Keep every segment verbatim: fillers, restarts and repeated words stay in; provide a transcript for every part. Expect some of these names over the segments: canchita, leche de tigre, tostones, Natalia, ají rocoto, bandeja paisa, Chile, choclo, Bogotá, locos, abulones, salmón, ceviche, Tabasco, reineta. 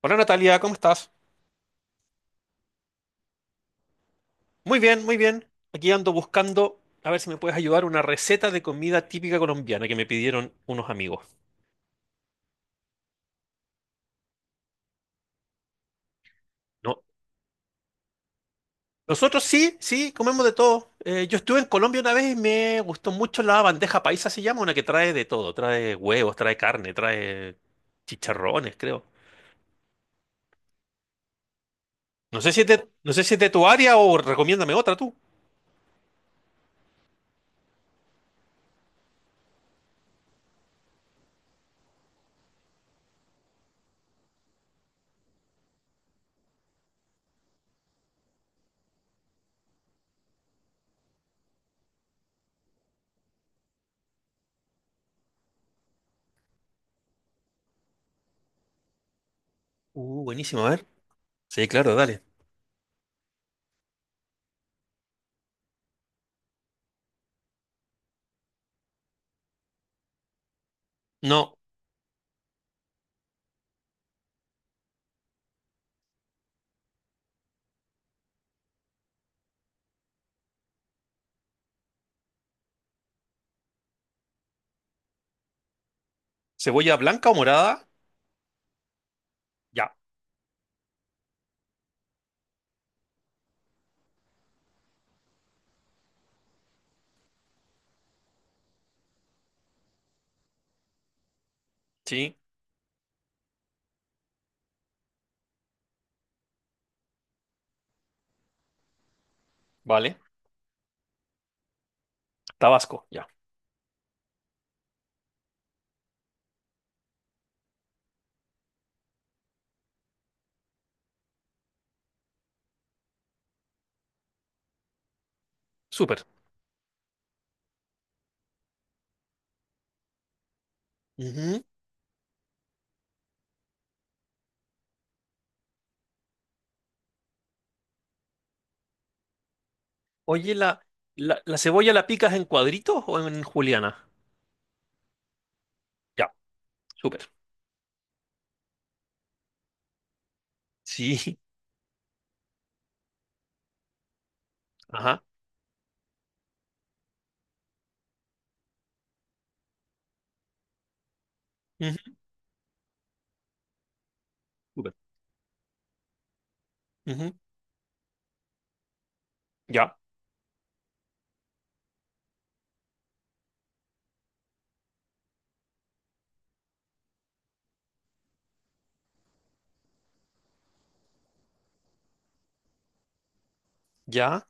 Hola Natalia, ¿cómo estás? Muy bien, muy bien. Aquí ando buscando, a ver si me puedes ayudar, una receta de comida típica colombiana que me pidieron unos amigos. No. Nosotros sí, sí, comemos de todo. Eh, yo estuve en Colombia una vez y me gustó mucho la bandeja paisa, se llama, una que trae de todo. Trae huevos, trae carne, trae chicharrones, creo. No sé si es de, no sé si es de tu área o recomiéndame otra tú. Uh, buenísimo, a ver. Sí, claro, dale. No, cebolla blanca o morada, ya. Sí, vale. Tabasco, ya. Súper. Ujú. Oye, ¿la, la, la cebolla la picas en cuadritos o en juliana? Ya, súper. Sí, ajá. Ujú, súper. Ujú, ya, ya,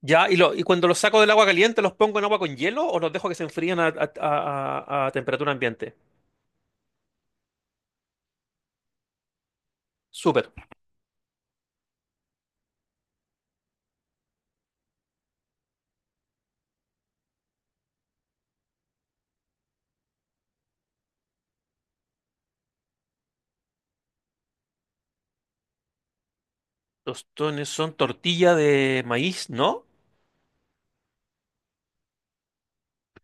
ya. ¿Y, lo, y cuando los saco del agua caliente, los pongo en agua con hielo o los dejo que se enfríen a, a- a- a- a temperatura ambiente? Súper. Tostones son tortilla de maíz, ¿no?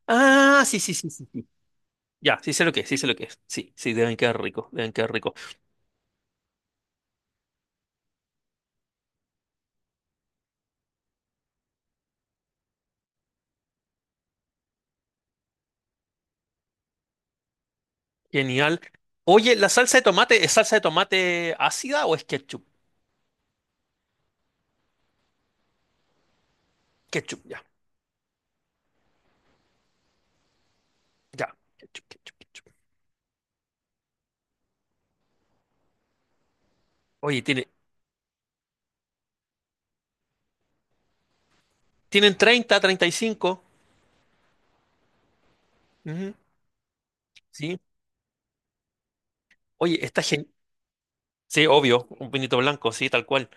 Ah, sí, sí, sí, sí, sí. Ya, sí sé lo que es, sí sé lo que es. Sí, sí, deben quedar ricos, deben quedar ricos. Genial. Oye, ¿la salsa de tomate es salsa de tomate ácida o es ketchup? Ketchup, ya. Ya. Ketchup, ketchup, ketchup. Oye, tiene, tienen treinta, treinta y cinco. Ujú. Sí. Oye, está genial. Sí, obvio, un pinito blanco, sí, tal cual.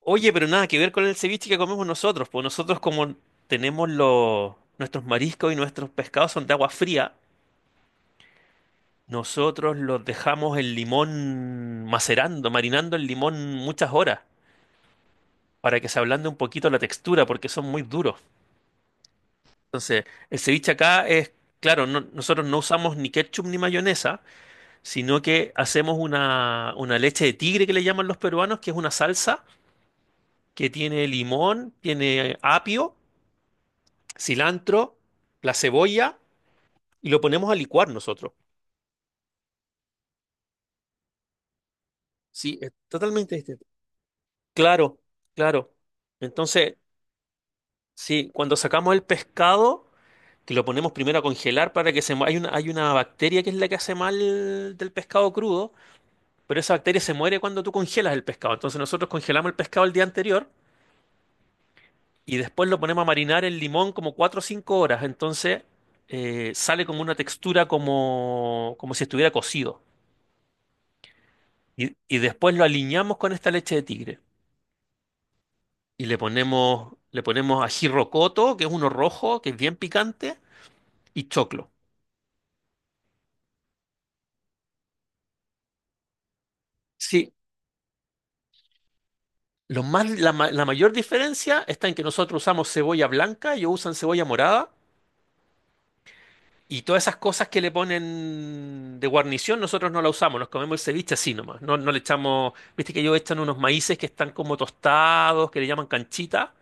Oye, pero nada que ver con el ceviche que comemos nosotros, pues nosotros como tenemos los, nuestros mariscos y nuestros pescados son de agua fría, nosotros los dejamos el limón macerando, marinando el limón muchas horas para que se ablande un poquito la textura porque son muy duros. Entonces, el ceviche acá es, claro, no- nosotros no usamos ni ketchup ni mayonesa, sino que hacemos una, una leche de tigre que le llaman los peruanos, que es una salsa que tiene limón, tiene apio, cilantro, la cebolla, y lo ponemos a licuar nosotros. Sí, es totalmente distinto. Claro, claro. Entonces, sí, cuando sacamos el pescado, que lo ponemos primero a congelar. Para que se... mu- Hay una, hay una bacteria que es la que hace mal del pescado crudo, pero esa bacteria se muere cuando tú congelas el pescado. Entonces nosotros congelamos el pescado el día anterior y después lo ponemos a marinar en limón como cuatro o cinco horas. Entonces eh, sale como una textura como, como si estuviera cocido. Y, y después lo aliñamos con esta leche de tigre. Y le ponemos, le ponemos ají rocoto, que es uno rojo, que es bien picante, y choclo. Sí, lo más, la, ma- la mayor diferencia está en que nosotros usamos cebolla blanca, ellos usan cebolla morada. Y todas esas cosas que le ponen de guarnición, nosotros no la usamos, nos comemos el ceviche así nomás. No, no le echamos, viste que ellos echan unos maíces que están como tostados, que le llaman canchita,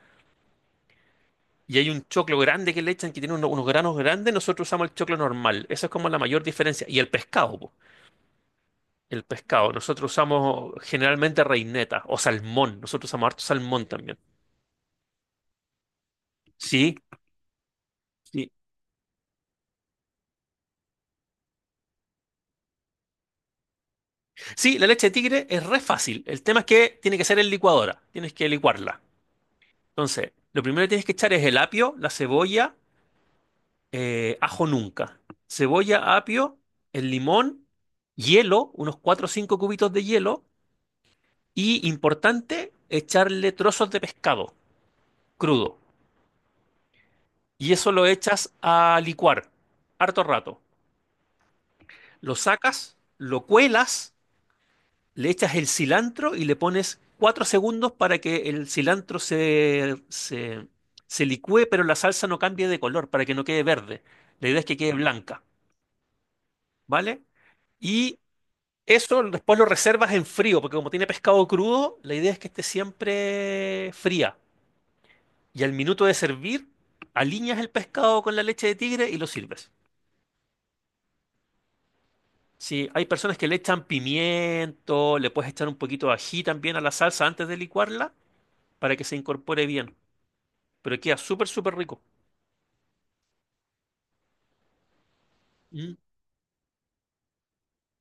y hay un choclo grande que le echan que tiene uno- unos granos grandes, nosotros usamos el choclo normal. Esa es como la mayor diferencia. Y el pescado, po, el pescado, nosotros usamos generalmente reineta o salmón, nosotros usamos harto salmón también. Sí, sí. Sí, la leche de tigre es re fácil. El tema es que tiene que ser en licuadora, tienes que licuarla. Entonces, lo primero que tienes que echar es el apio, la cebolla, eh, ajo nunca. Cebolla, apio, el limón, hielo, unos cuatro o cinco cubitos de hielo. Y importante, echarle trozos de pescado crudo. Y eso lo echas a licuar, harto rato. Lo sacas, lo cuelas, le echas el cilantro y le pones cuatro segundos para que el cilantro se, se, se licúe, pero la salsa no cambie de color, para que no quede verde. La idea es que quede blanca. ¿Vale? Y eso después lo reservas en frío, porque como tiene pescado crudo, la idea es que esté siempre fría. Y al minuto de servir, aliñas el pescado con la leche de tigre y lo sirves. Sí, hay personas que le echan pimiento, le puedes echar un poquito de ají también a la salsa antes de licuarla para que se incorpore bien. Pero queda súper, súper rico. Mm.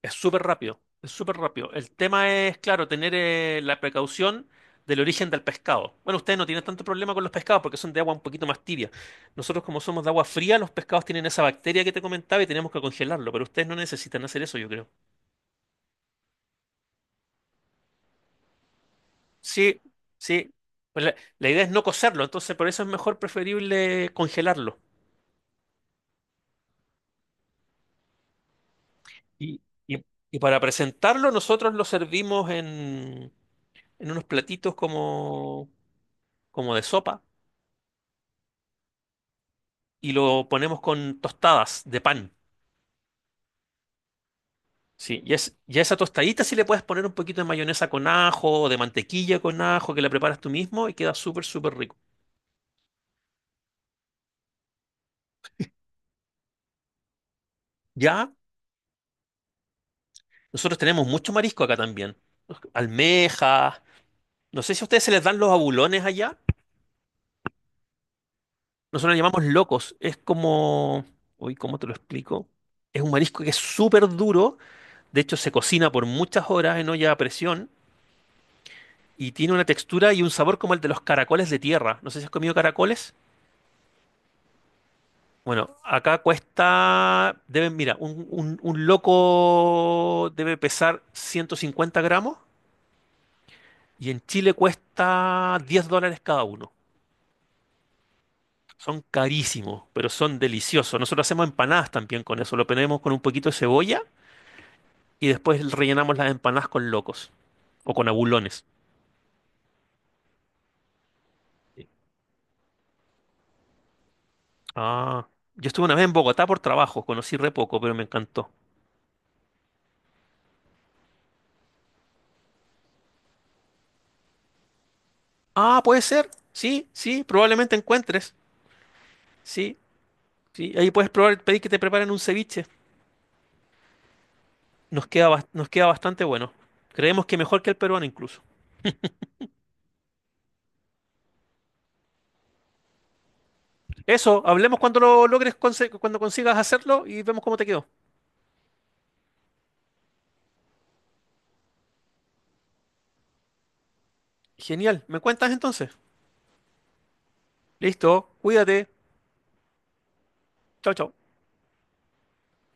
Es súper rápido, es súper rápido. El tema es, claro, tener eh, la precaución del origen del pescado. Bueno, ustedes no tienen tanto problema con los pescados porque son de agua un poquito más tibia. Nosotros, como somos de agua fría, los pescados tienen esa bacteria que te comentaba y tenemos que congelarlo, pero ustedes no necesitan hacer eso, yo creo. Sí, sí. Pues la, la idea es no cocerlo, entonces por eso es mejor preferible congelarlo. Y, y- y para presentarlo, nosotros lo servimos en, en unos platitos como, como de sopa y lo ponemos con tostadas de pan. Sí, y, es, y a esa tostadita sí le puedes poner un poquito de mayonesa con ajo o de mantequilla con ajo que la preparas tú mismo y queda súper, súper rico. Ya, nosotros tenemos mucho marisco acá también. Almejas. No sé si a ustedes se les dan los abulones allá. Nosotros los llamamos locos. Es como. Uy, ¿cómo te lo explico? Es un marisco que es súper duro. De hecho, se cocina por muchas horas en olla a presión y tiene una textura y un sabor como el de los caracoles de tierra. No sé si has comido caracoles. Bueno, acá cuesta, deben, mira, un, un- un loco debe pesar ciento cincuenta gramos y en Chile cuesta diez dólares cada uno. Son carísimos, pero son deliciosos. Nosotros hacemos empanadas también con eso. Lo ponemos con un poquito de cebolla y después rellenamos las empanadas con locos o con abulones. Sí. Ah, yo estuve una vez en Bogotá por trabajo, conocí re poco, pero me encantó. Ah, puede ser. Sí, sí, probablemente encuentres. Sí, sí, ahí puedes probar, pedir que te preparen un ceviche. Nos queda, bas- nos queda bastante bueno. Creemos que mejor que el peruano incluso. Eso, hablemos cuando lo logres, conse- cuando consigas hacerlo y vemos cómo te quedó. Genial, ¿me cuentas entonces? Listo, cuídate. Chao, chao.